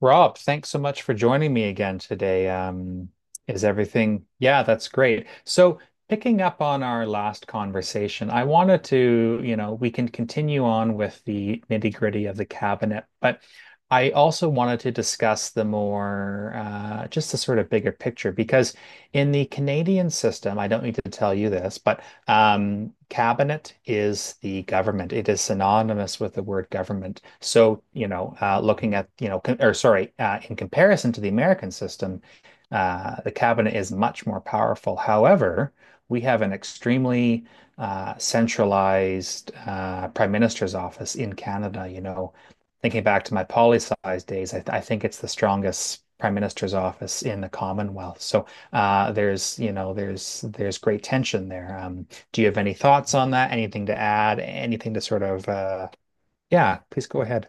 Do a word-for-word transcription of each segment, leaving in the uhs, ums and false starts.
Rob, thanks so much for joining me again today. Um, is everything? Yeah, that's great. So, picking up on our last conversation, I wanted to, you know, we can continue on with the nitty-gritty of the cabinet, but I also wanted to discuss the more, uh, just the sort of bigger picture, because in the Canadian system, I don't need to tell you this, but um, cabinet is the government. It is synonymous with the word government. So, you know, uh, looking at, you know, com- or sorry, uh, in comparison to the American system, uh, the cabinet is much more powerful. However, we have an extremely uh, centralized uh, prime minister's office in Canada. You know, thinking back to my poli sci's days, I, th I think it's the strongest prime minister's office in the Commonwealth. So uh, there's, you know, there's there's great tension there. Um, do you have any thoughts on that? Anything to add? Anything to sort of, uh, yeah, please go ahead.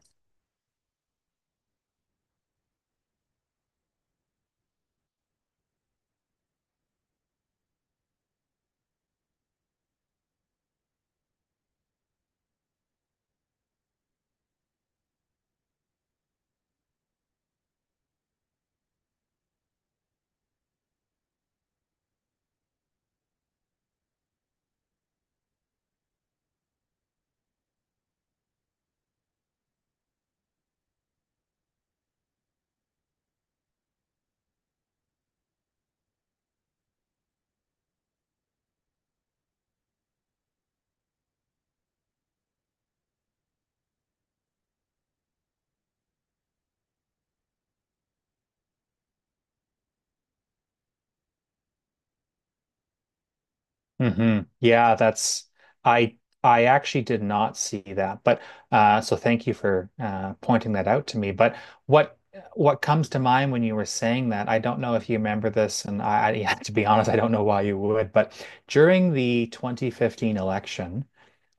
Hmm Yeah, that's I I actually did not see that. But uh so thank you for uh pointing that out to me. But what what comes to mind when you were saying that, I don't know if you remember this, and I, I yeah, to be honest, I don't know why you would, but during the twenty fifteen election,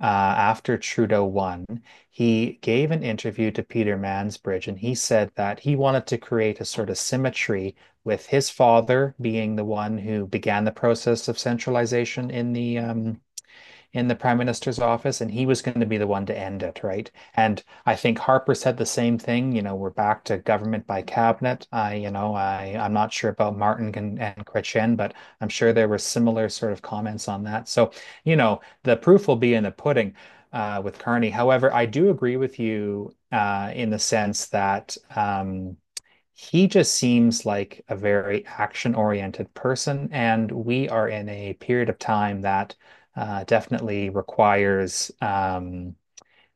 uh, after Trudeau won, he gave an interview to Peter Mansbridge, and he said that he wanted to create a sort of symmetry with his father being the one who began the process of centralization in the um, in the prime minister's office, and he was going to be the one to end it, right? And I think Harper said the same thing. You know, we're back to government by cabinet. I, you know, I I'm not sure about Martin and, and Kretchen, but I'm sure there were similar sort of comments on that. So, you know, the proof will be in the pudding. Uh, with Carney. However, I do agree with you uh, in the sense that um, he just seems like a very action-oriented person, and we are in a period of time that uh, definitely requires, um,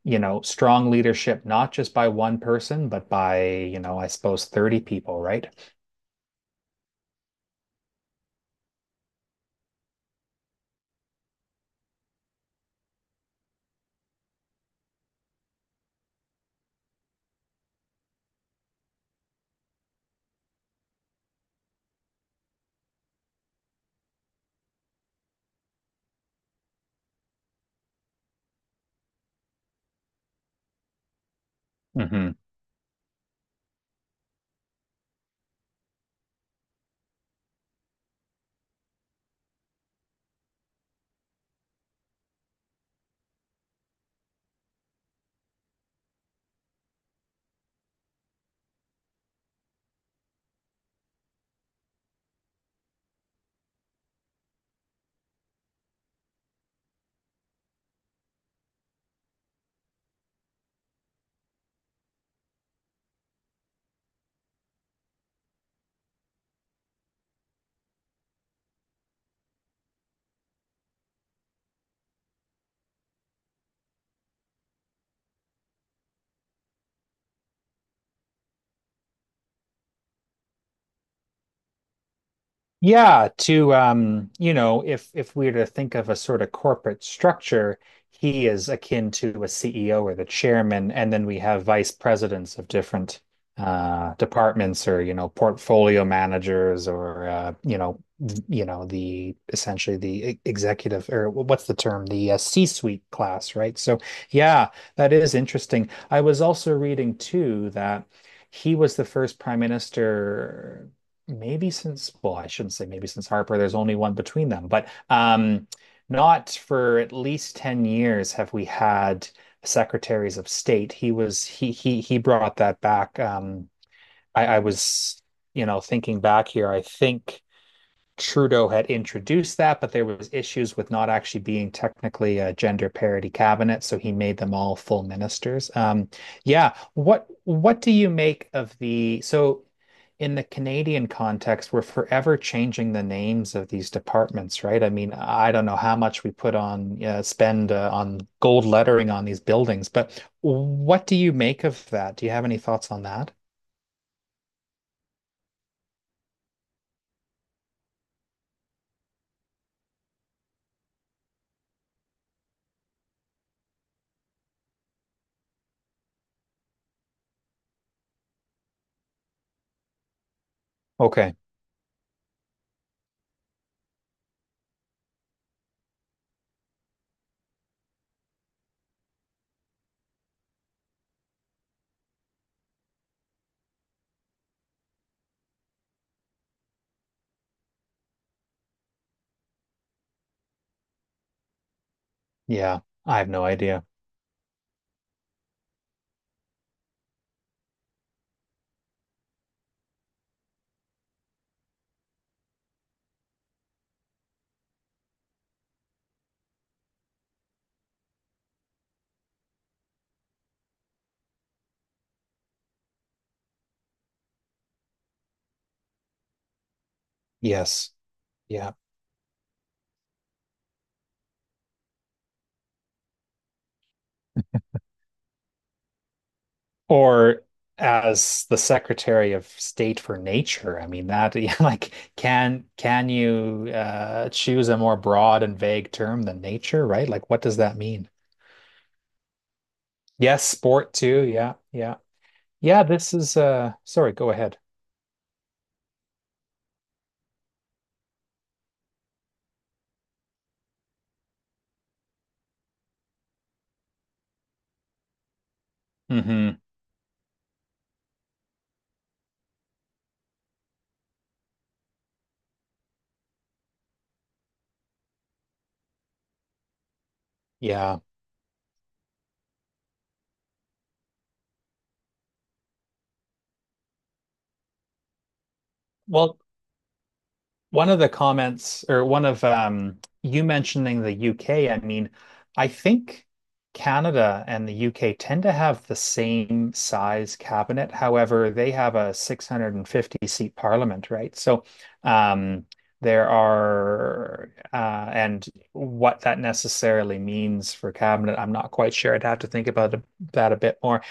you know, strong leadership, not just by one person, but by, you know, I suppose thirty people, right? Mhm. Yeah, to um, you know, if if we were to think of a sort of corporate structure, he is akin to a C E O or the chairman, and then we have vice presidents of different uh departments, or you know portfolio managers, or uh you know v- you know the essentially the e- executive, or what's the term, the uh, C-suite class, right? So yeah, that is interesting. I was also reading too that he was the first prime minister maybe since, well, I shouldn't say, maybe since Harper, there's only one between them, but um, not for at least ten years have we had secretaries of state. He was he he he brought that back. Um, I, I was, you know, thinking back here, I think Trudeau had introduced that, but there was issues with not actually being technically a gender parity cabinet, so he made them all full ministers. Um, yeah, what what do you make of the so in the Canadian context, we're forever changing the names of these departments, right? I mean, I don't know how much we put on, uh, spend uh, on gold lettering on these buildings, but what do you make of that? Do you have any thoughts on that? Okay. Yeah, I have no idea. Yes. Yeah. Or as the Secretary of State for Nature, I mean that like can can you uh, choose a more broad and vague term than nature, right? Like what does that mean? Yes, sport too. Yeah, yeah. Yeah, this is uh sorry, go ahead. Hmm Yeah. Well, one of the comments, or one of um you mentioning the U K, I mean, I think Canada and the U K tend to have the same size cabinet. However, they have a six hundred fifty seat parliament, right? So, um there are uh and what that necessarily means for cabinet, I'm not quite sure. I'd have to think about that a bit more.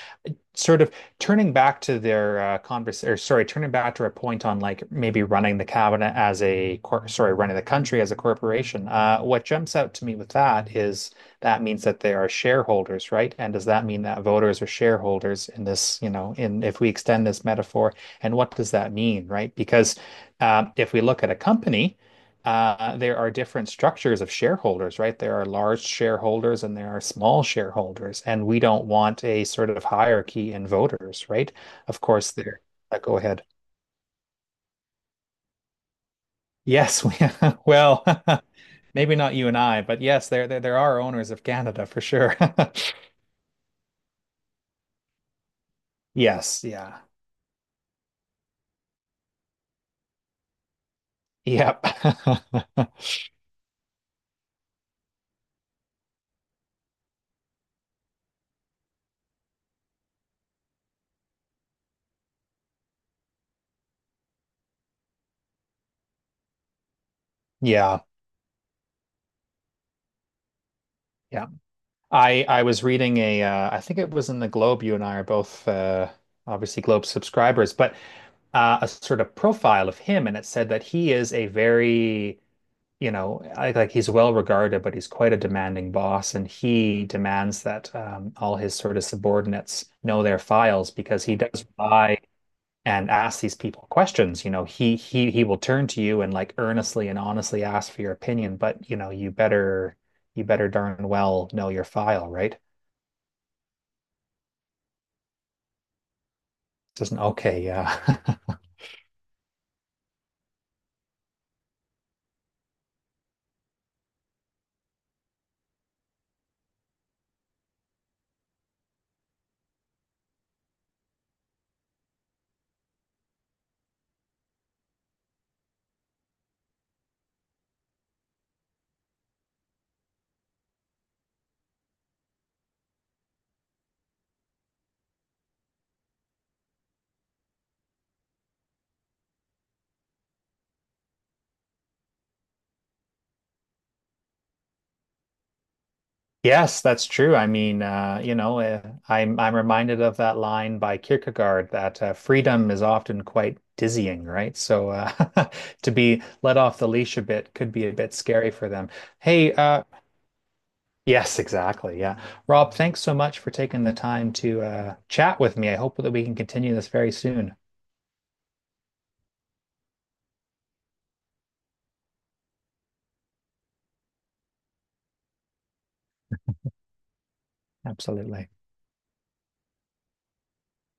Sort of turning back to their uh, converse or sorry, turning back to a point on like maybe running the cabinet as a cor sorry, running the country as a corporation. Uh, what jumps out to me with that is that means that they are shareholders, right? And does that mean that voters are shareholders in this, you know, in if we extend this metaphor, and what does that mean, right? Because um, if we look at a company, uh, there are different structures of shareholders, right? There are large shareholders and there are small shareholders, and we don't want a sort of hierarchy in voters, right? Of course, there. Uh, go ahead. Yes, we, well, maybe not you and I, but yes, there there, there are owners of Canada for sure. Yes, yeah, yep, yeah, yeah. I I was reading a, uh, I think it was in the Globe. You and I are both uh, obviously Globe subscribers, but uh, a sort of profile of him, and it said that he is a very, you know, like, like he's well regarded, but he's quite a demanding boss, and he demands that um, all his sort of subordinates know their files because he does rely and ask these people questions. You know, he he he will turn to you and like earnestly and honestly ask for your opinion, but you know, you better you better darn well know your file, right? Doesn't, okay, yeah. Yes, that's true. I mean, uh, you know, uh, I'm I'm reminded of that line by Kierkegaard that uh, freedom is often quite dizzying, right? So uh, to be let off the leash a bit could be a bit scary for them. Hey, uh, yes, exactly. Yeah. Rob, thanks so much for taking the time to uh, chat with me. I hope that we can continue this very soon. Absolutely.